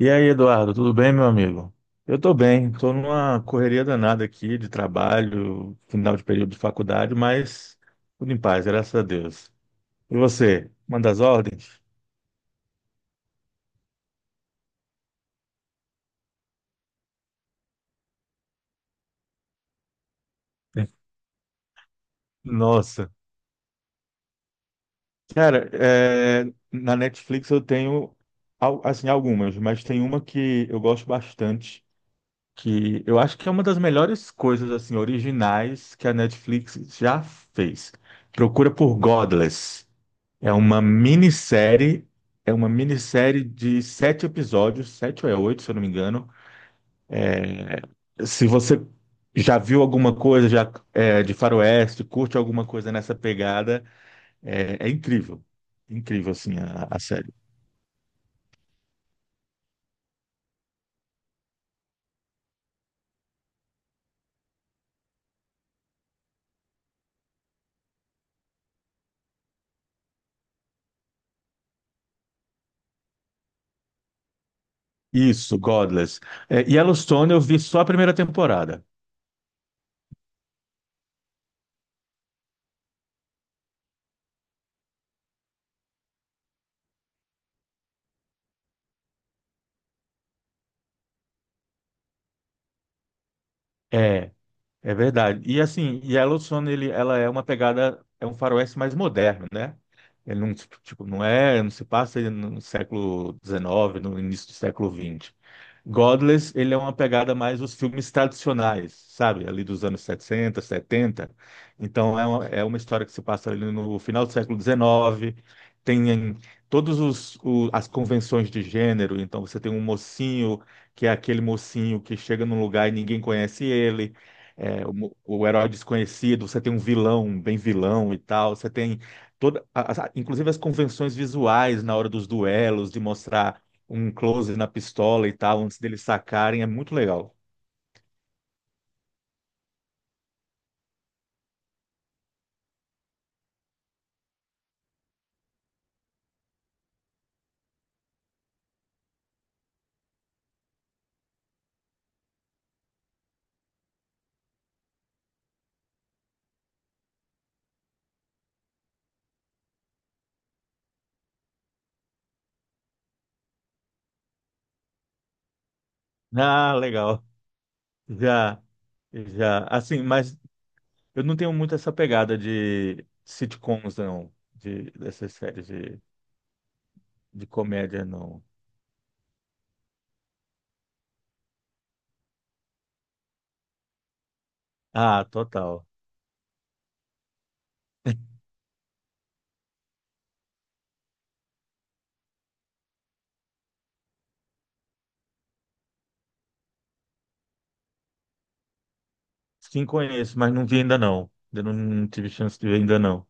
E aí, Eduardo, tudo bem, meu amigo? Eu tô bem, tô numa correria danada aqui de trabalho, final de período de faculdade, mas tudo em paz, graças a Deus. E você, manda as ordens? Nossa. Cara, é, na Netflix eu tenho assim algumas, mas tem uma que eu gosto bastante, que eu acho que é uma das melhores coisas assim originais que a Netflix já fez. Procura por Godless. É uma minissérie, é uma minissérie de sete episódios, sete ou é oito, se eu não me engano. É, se você já viu alguma coisa de Faroeste, curte alguma coisa nessa pegada, é incrível. Incrível, assim, a série. Isso, Godless. É, Yellowstone eu vi só a primeira temporada. É. É verdade. E assim, e a Yellowstone, ela é uma pegada, é um faroeste mais moderno, né? Ele não, tipo, não é, não se passa no século XIX, no início do século XX. Godless, ele é uma pegada mais os filmes tradicionais, sabe? Ali dos anos 60, 70. Então, é uma história que se passa ali no final do século XIX. Tem as convenções de gênero. Então, você tem um mocinho, que é aquele mocinho que chega num lugar e ninguém conhece ele o herói desconhecido, você tem um vilão, um bem vilão e tal, você tem toda, inclusive as convenções visuais na hora dos duelos, de mostrar um close na pistola e tal, antes deles sacarem, é muito legal. Ah, legal. Já, já. Assim, mas eu não tenho muito essa pegada de sitcoms, não, de, dessas séries de comédia, não. Ah, total. Sim, conheço, mas não vi ainda não. Eu não, não tive chance de ver ainda não.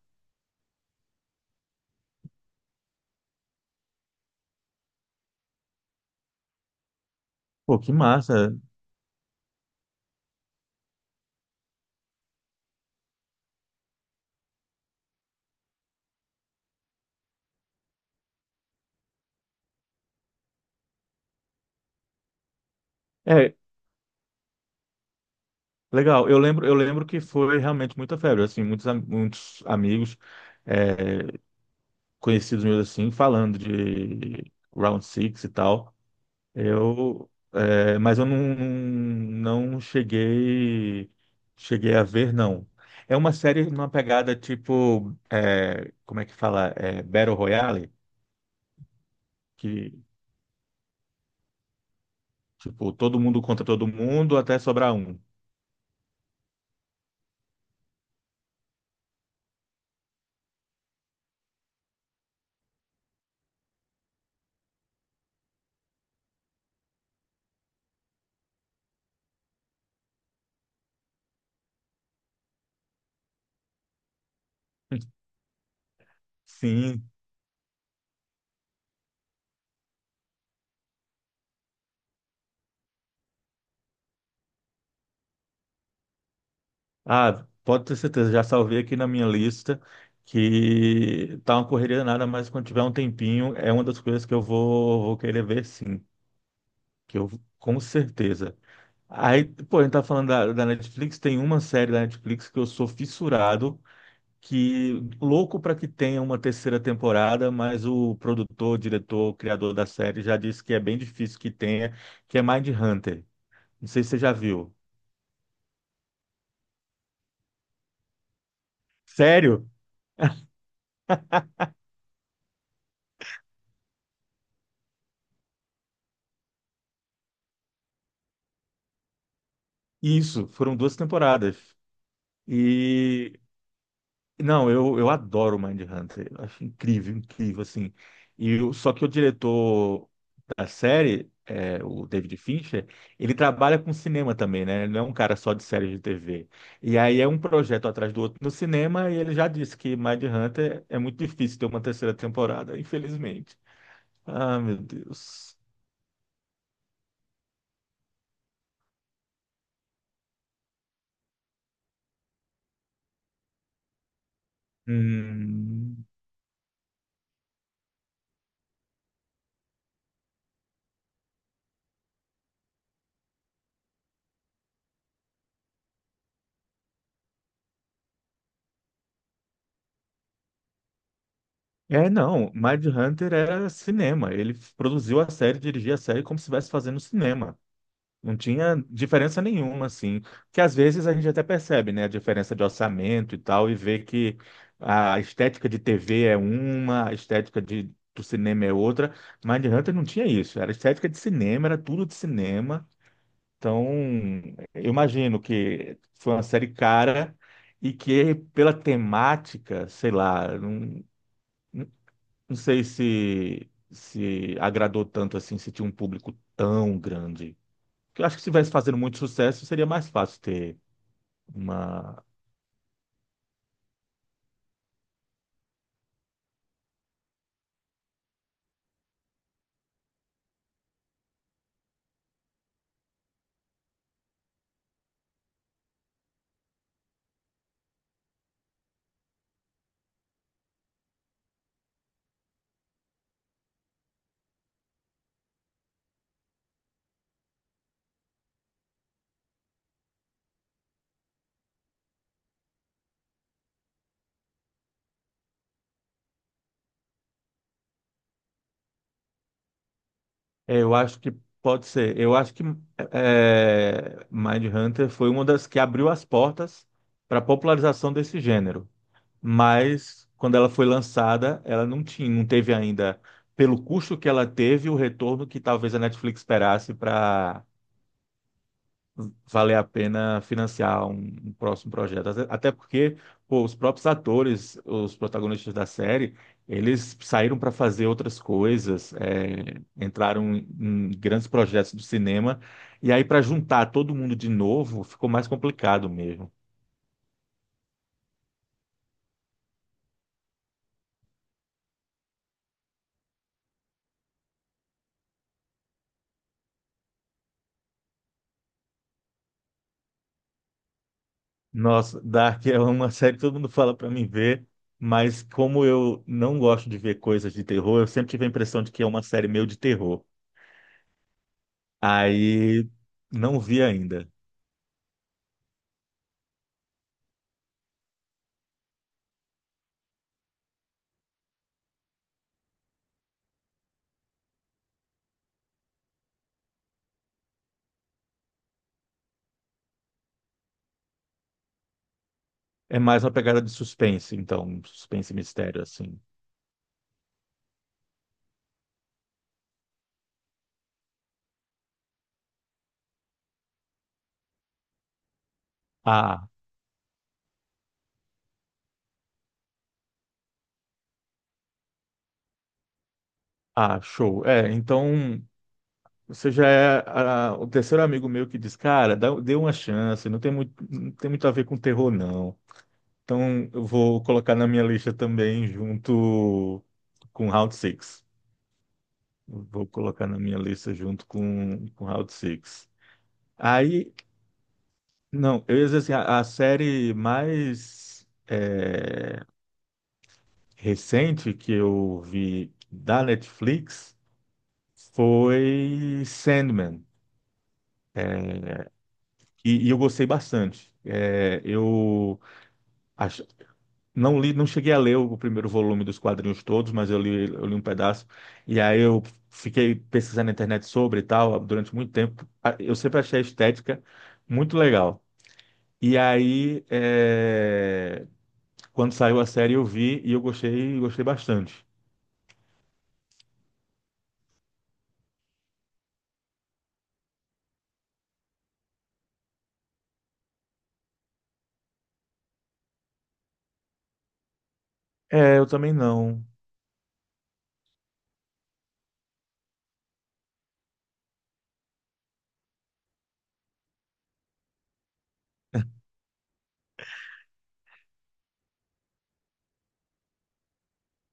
Pô, que massa. É, legal. Eu lembro que foi realmente muita febre, assim, muitos amigos é, conhecidos meus assim falando de Round Six e tal. Eu, é, mas eu não, não cheguei cheguei a ver, não. É uma série numa pegada tipo, é, como é que fala? É, Battle Royale, que tipo, todo mundo contra todo mundo até sobrar um. Sim, ah, pode ter certeza, já salvei aqui na minha lista que tá uma correria nada, mas quando tiver um tempinho, é uma das coisas que vou querer ver sim, que eu com certeza. Aí, pô, a gente tá falando da Netflix, tem uma série da Netflix que eu sou fissurado, que louco para que tenha uma terceira temporada, mas o produtor, diretor, criador da série já disse que é bem difícil que tenha, que é Mindhunter. Não sei se você já viu. Sério? Isso, foram duas temporadas. E não, eu adoro Mindhunter, eu acho incrível, incrível assim. Só que o diretor da série, é, o David Fincher, ele trabalha com cinema também, né? Ele não é um cara só de série de TV. E aí é um projeto atrás do outro no cinema e ele já disse que Mindhunter é muito difícil ter uma terceira temporada, infelizmente. Ah, meu Deus. Hum. É, não, Mindhunter era cinema. Ele produziu a série, dirigia a série como se estivesse fazendo cinema. Não tinha diferença nenhuma, assim. Que às vezes a gente até percebe, né, a diferença de orçamento e tal, e vê que a estética de TV é uma, a estética do cinema é outra. Mindhunter não tinha isso. Era estética de cinema, era tudo de cinema. Então, eu imagino que foi uma série cara e que pela temática, sei lá, não, não sei se agradou tanto assim, se tinha um público tão grande. Eu acho que se estivesse fazendo muito sucesso, seria mais fácil ter uma. É, eu acho que pode ser. Eu acho que Mindhunter foi uma das que abriu as portas para a popularização desse gênero. Mas quando ela foi lançada, ela não tinha, não teve ainda, pelo custo que ela teve, o retorno que talvez a Netflix esperasse para valer a pena financiar um próximo projeto. Até porque, pô, os próprios atores, os protagonistas da série, eles saíram para fazer outras coisas, em grandes projetos do cinema, e aí para juntar todo mundo de novo ficou mais complicado mesmo. Nossa, Dark é uma série que todo mundo fala para mim ver, mas como eu não gosto de ver coisas de terror, eu sempre tive a impressão de que é uma série meio de terror. Aí não vi ainda. É mais uma pegada de suspense, então, suspense e mistério, assim. Ah, ah, show. É, então, você já é ah, o terceiro amigo meu que diz, cara, dá, dê uma chance, não tem muito a ver com terror, não. Então, eu vou colocar na minha lista também, junto com Round Six. Vou colocar na minha lista junto com Round Six. Aí, não, eu ia dizer assim, a série mais recente que eu vi da Netflix foi Sandman, e eu gostei bastante. Ach- não li, não cheguei a ler o primeiro volume dos quadrinhos todos, mas eu li um pedaço. E aí eu fiquei pesquisando na internet sobre e tal durante muito tempo. Eu sempre achei a estética muito legal. E aí, é, quando saiu a série, eu vi e eu gostei, gostei bastante. É, eu também não.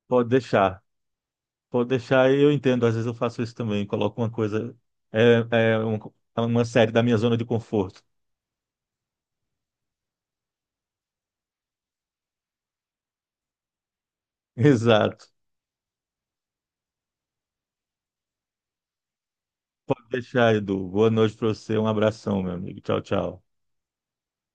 Pode deixar. Pode deixar, eu entendo. Às vezes eu faço isso também. Coloco uma coisa, é, é um- é uma série da minha zona de conforto. Exato. Pode deixar, Edu. Boa noite para você. Um abração, meu amigo. Tchau, tchau.